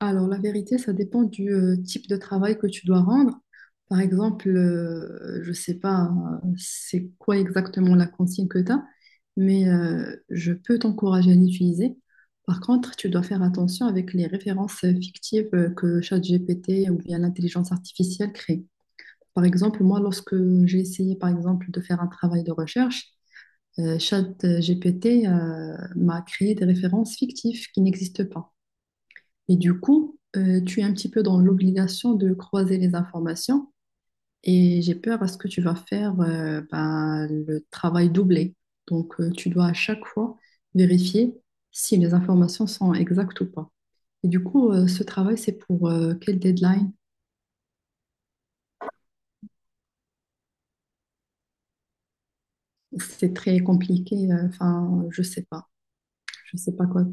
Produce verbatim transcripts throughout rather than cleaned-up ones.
Alors, la vérité, ça dépend du euh, type de travail que tu dois rendre. Par exemple, euh, je ne sais pas euh, c'est quoi exactement la consigne que tu as, mais euh, je peux t'encourager à l'utiliser. Par contre, tu dois faire attention avec les références euh, fictives euh, que ChatGPT ou bien l'intelligence artificielle crée. Par exemple, moi, lorsque j'ai essayé, par exemple, de faire un travail de recherche, euh, ChatGPT euh, m'a créé des références fictives qui n'existent pas. Et du coup, euh, tu es un petit peu dans l'obligation de croiser les informations et j'ai peur à ce que tu vas faire euh, ben, le travail doublé. Donc, euh, tu dois à chaque fois vérifier si les informations sont exactes ou pas. Et du coup, euh, ce travail, c'est pour euh, quelle deadline? C'est très compliqué. euh, Enfin, je sais pas. Je sais pas quoi.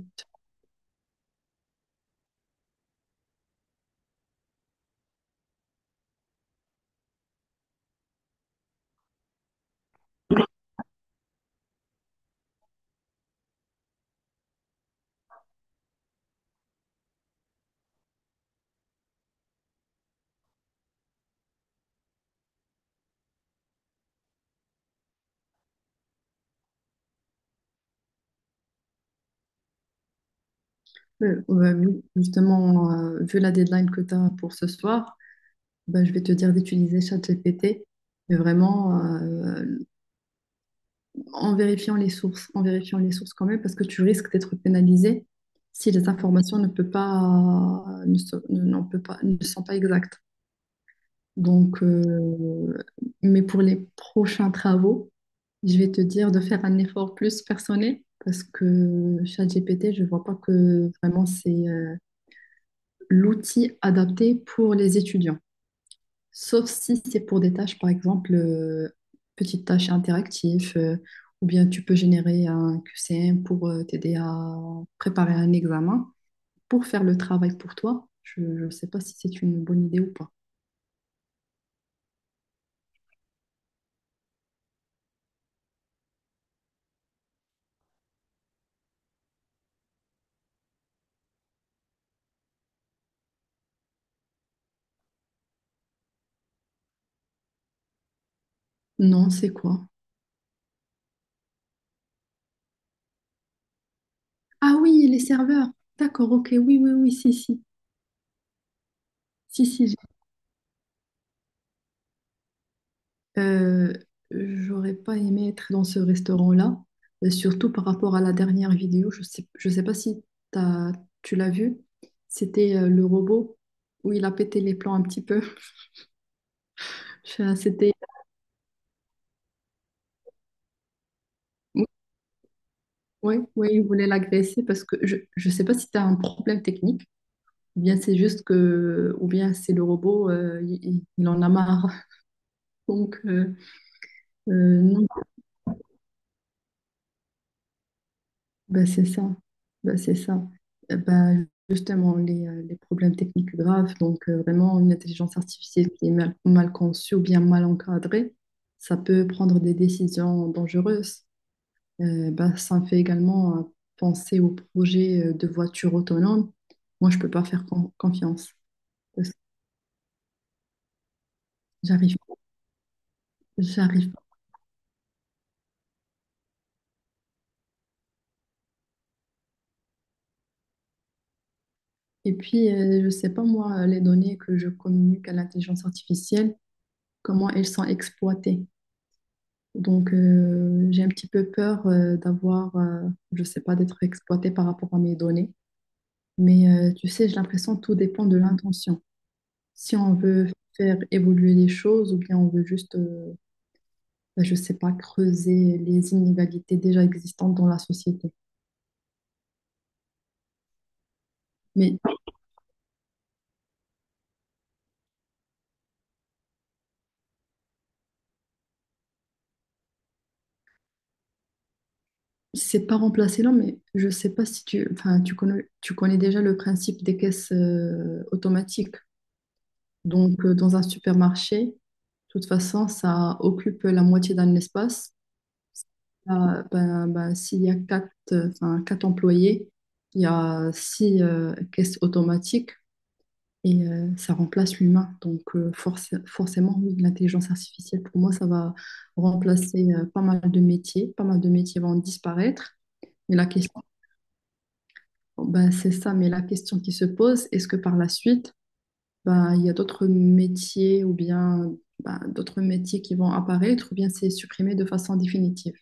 Euh, ouais, oui, justement, euh, vu la deadline que tu as pour ce soir, ben, je vais te dire d'utiliser ChatGPT. Mais vraiment, euh, en vérifiant les sources, en vérifiant les sources quand même, parce que tu risques d'être pénalisé si les informations ne peut pas, ne, sont- ne- n'en peut pas, ne sont pas exactes. Donc, euh, mais pour les prochains travaux, je vais te dire de faire un effort plus personnel parce que ChatGPT, je vois pas que vraiment c'est euh, l'outil adapté pour les étudiants. Sauf si c'est pour des tâches, par exemple, euh, petites tâches interactives, euh, ou bien tu peux générer un Q C M pour euh, t'aider à préparer un examen, pour faire le travail pour toi. Je ne sais pas si c'est une bonne idée ou pas. Non, c'est quoi? Ah oui, les serveurs. D'accord, ok, oui, oui, oui, si, si. Si, si, Euh, j'aurais pas aimé être dans ce restaurant-là, et surtout par rapport à la dernière vidéo. Je sais, je sais pas si t'as- tu l'as vu. C'était euh, le robot où il a pété les plans un petit peu. Je- C'était, oui, oui, oui, il voulait l'agresser parce que je, je sais pas si tu as un problème technique, ou bien c'est juste que, ou bien c'est le robot, euh, il, il- il en a marre. Donc, euh, euh, non. Bah, c'est ça, bah, c'est ça. Euh, Bah, justement, les, euh, les problèmes techniques graves, donc euh, vraiment une intelligence artificielle qui est mal, mal conçue ou bien mal encadrée, ça peut prendre des décisions dangereuses. Euh, bah, ça me fait également euh, penser au projet euh, de voiture autonome. Moi, je peux pas faire con- confiance. Parce que j'arrive pas. J'arrive pas. Et puis, euh, je sais pas, moi, les données que je communique à l'intelligence artificielle, comment elles sont exploitées. Donc, euh, j'ai un petit peu peur euh, d'avoir, euh, je sais pas, d'être exploitée par rapport à mes données. Mais euh, tu sais, j'ai l'impression que tout dépend de l'intention. Si on veut faire évoluer les choses ou bien on veut juste, euh, ben, je sais pas, creuser les inégalités déjà existantes dans la société. Mais c'est pas remplacer l'homme, mais je sais pas si tu, enfin, tu connais, tu connais déjà le principe des caisses euh, automatiques. Donc, euh, dans un supermarché, de toute façon, ça occupe la moitié d'un espace. Ah, ben, ben, s'il y a quatre, euh, enfin, quatre employés, il y a six euh, caisses automatiques et euh, ça remplace l'humain. Donc euh, forcé- forcément, oui, l'intelligence artificielle, pour moi, ça va remplacer euh, pas mal de métiers. Pas mal de métiers vont disparaître. Mais la question, ben, c'est ça, mais la question qui se pose, est-ce que par la suite, ben, il y a d'autres métiers ou bien ben, d'autres métiers qui vont apparaître ou bien c'est supprimé de façon définitive?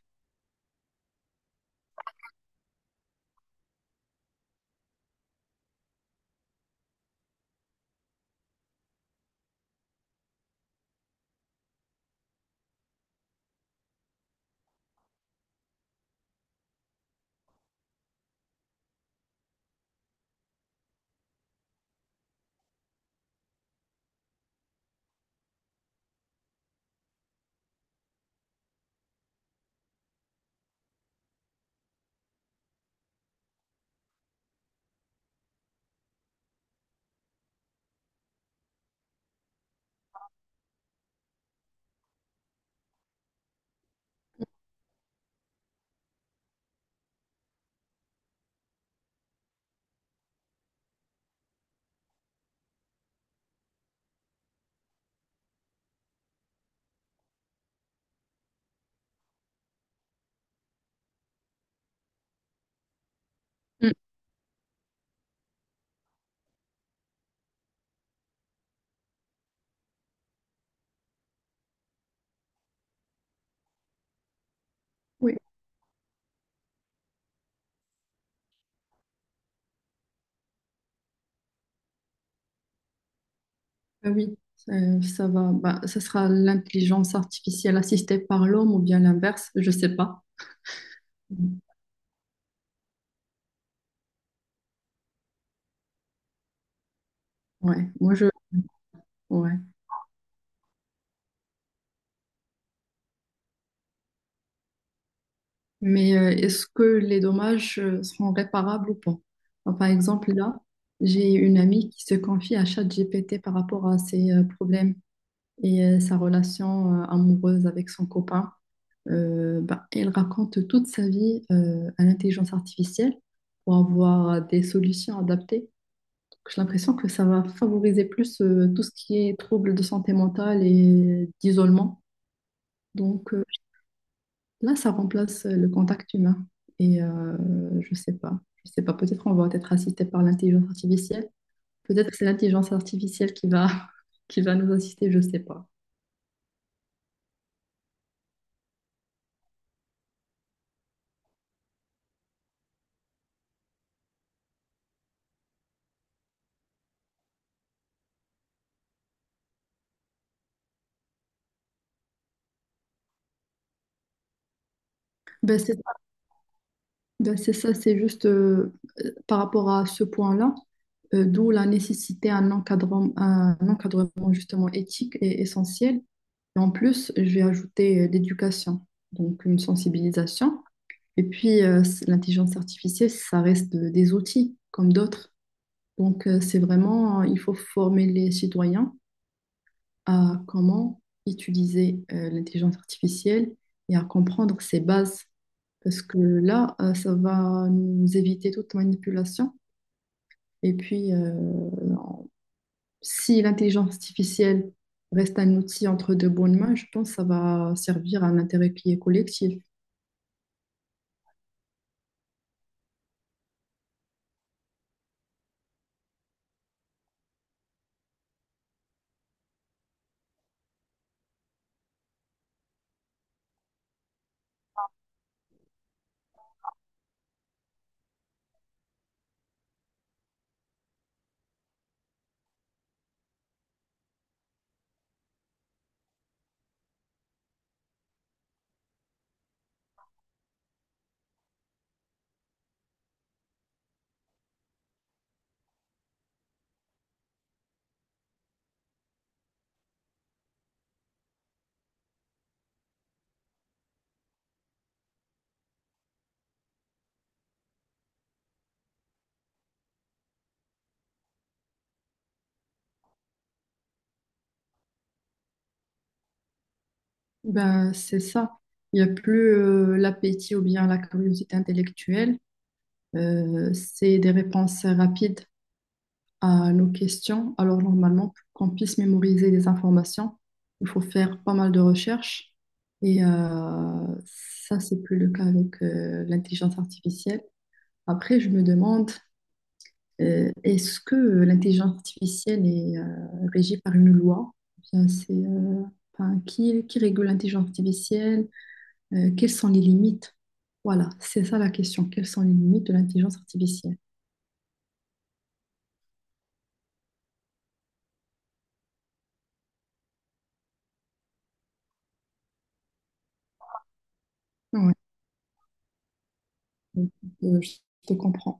Mm. Oui. Ah oui, euh, ça va, bah, ça sera l'intelligence artificielle assistée par l'homme ou bien l'inverse, je sais pas. Ouais, moi je, ouais. Mais euh, est-ce que les dommages euh, seront réparables ou pas? Enfin, par exemple, là, j'ai une amie qui se confie à ChatGPT par rapport à ses euh, problèmes et euh, sa relation euh, amoureuse avec son copain. Euh, bah, elle raconte toute sa vie euh, à l'intelligence artificielle pour avoir des solutions adaptées. J'ai l'impression que ça va favoriser plus euh, tout ce qui est troubles de santé mentale et d'isolement. Donc euh, là, ça remplace euh, le contact humain. Et euh, je sais pas, je sais pas. Peut-être on va être assisté par l'intelligence artificielle. Peut-être que c'est l'intelligence artificielle qui va qui va nous assister. Je sais pas. Ben, c'est Ben, c'est ça, c'est juste euh, euh, par rapport à ce point-là, euh, d'où la nécessité d'un encadrement, un encadrement justement éthique est essentiel. Et en plus, je vais ajouter euh, l'éducation, donc une sensibilisation. Et puis, euh, c- l'intelligence artificielle, ça reste euh, des outils comme d'autres. Donc, euh, c'est vraiment, euh, il faut former les citoyens à comment utiliser euh, l'intelligence artificielle et à comprendre ses bases. Parce que là, euh, ça va nous éviter toute manipulation. Et puis, euh, si l'intelligence artificielle reste un outil entre de bonnes mains, je pense que ça va servir à un intérêt qui est collectif. Ben, c'est ça. Il n'y a plus euh, l'appétit ou bien la curiosité intellectuelle. Euh, c'est des réponses rapides à nos questions. Alors, normalement, pour qu'on puisse mémoriser des informations, il faut faire pas mal de recherches. Et euh, ça, c'est plus le cas avec euh, l'intelligence artificielle. Après, je me demande, euh, est-ce que l'intelligence artificielle est euh, régie par une loi? Ou bien, c'est, euh, enfin, qui, qui régule l'intelligence artificielle? Euh, quelles sont les limites? Voilà, c'est ça la question. Quelles sont les limites de l'intelligence artificielle? Ouais, euh, je te comprends.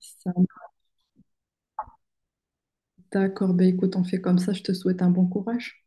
Ça- D'accord, ben écoute, on fait comme ça. Je te souhaite un bon courage.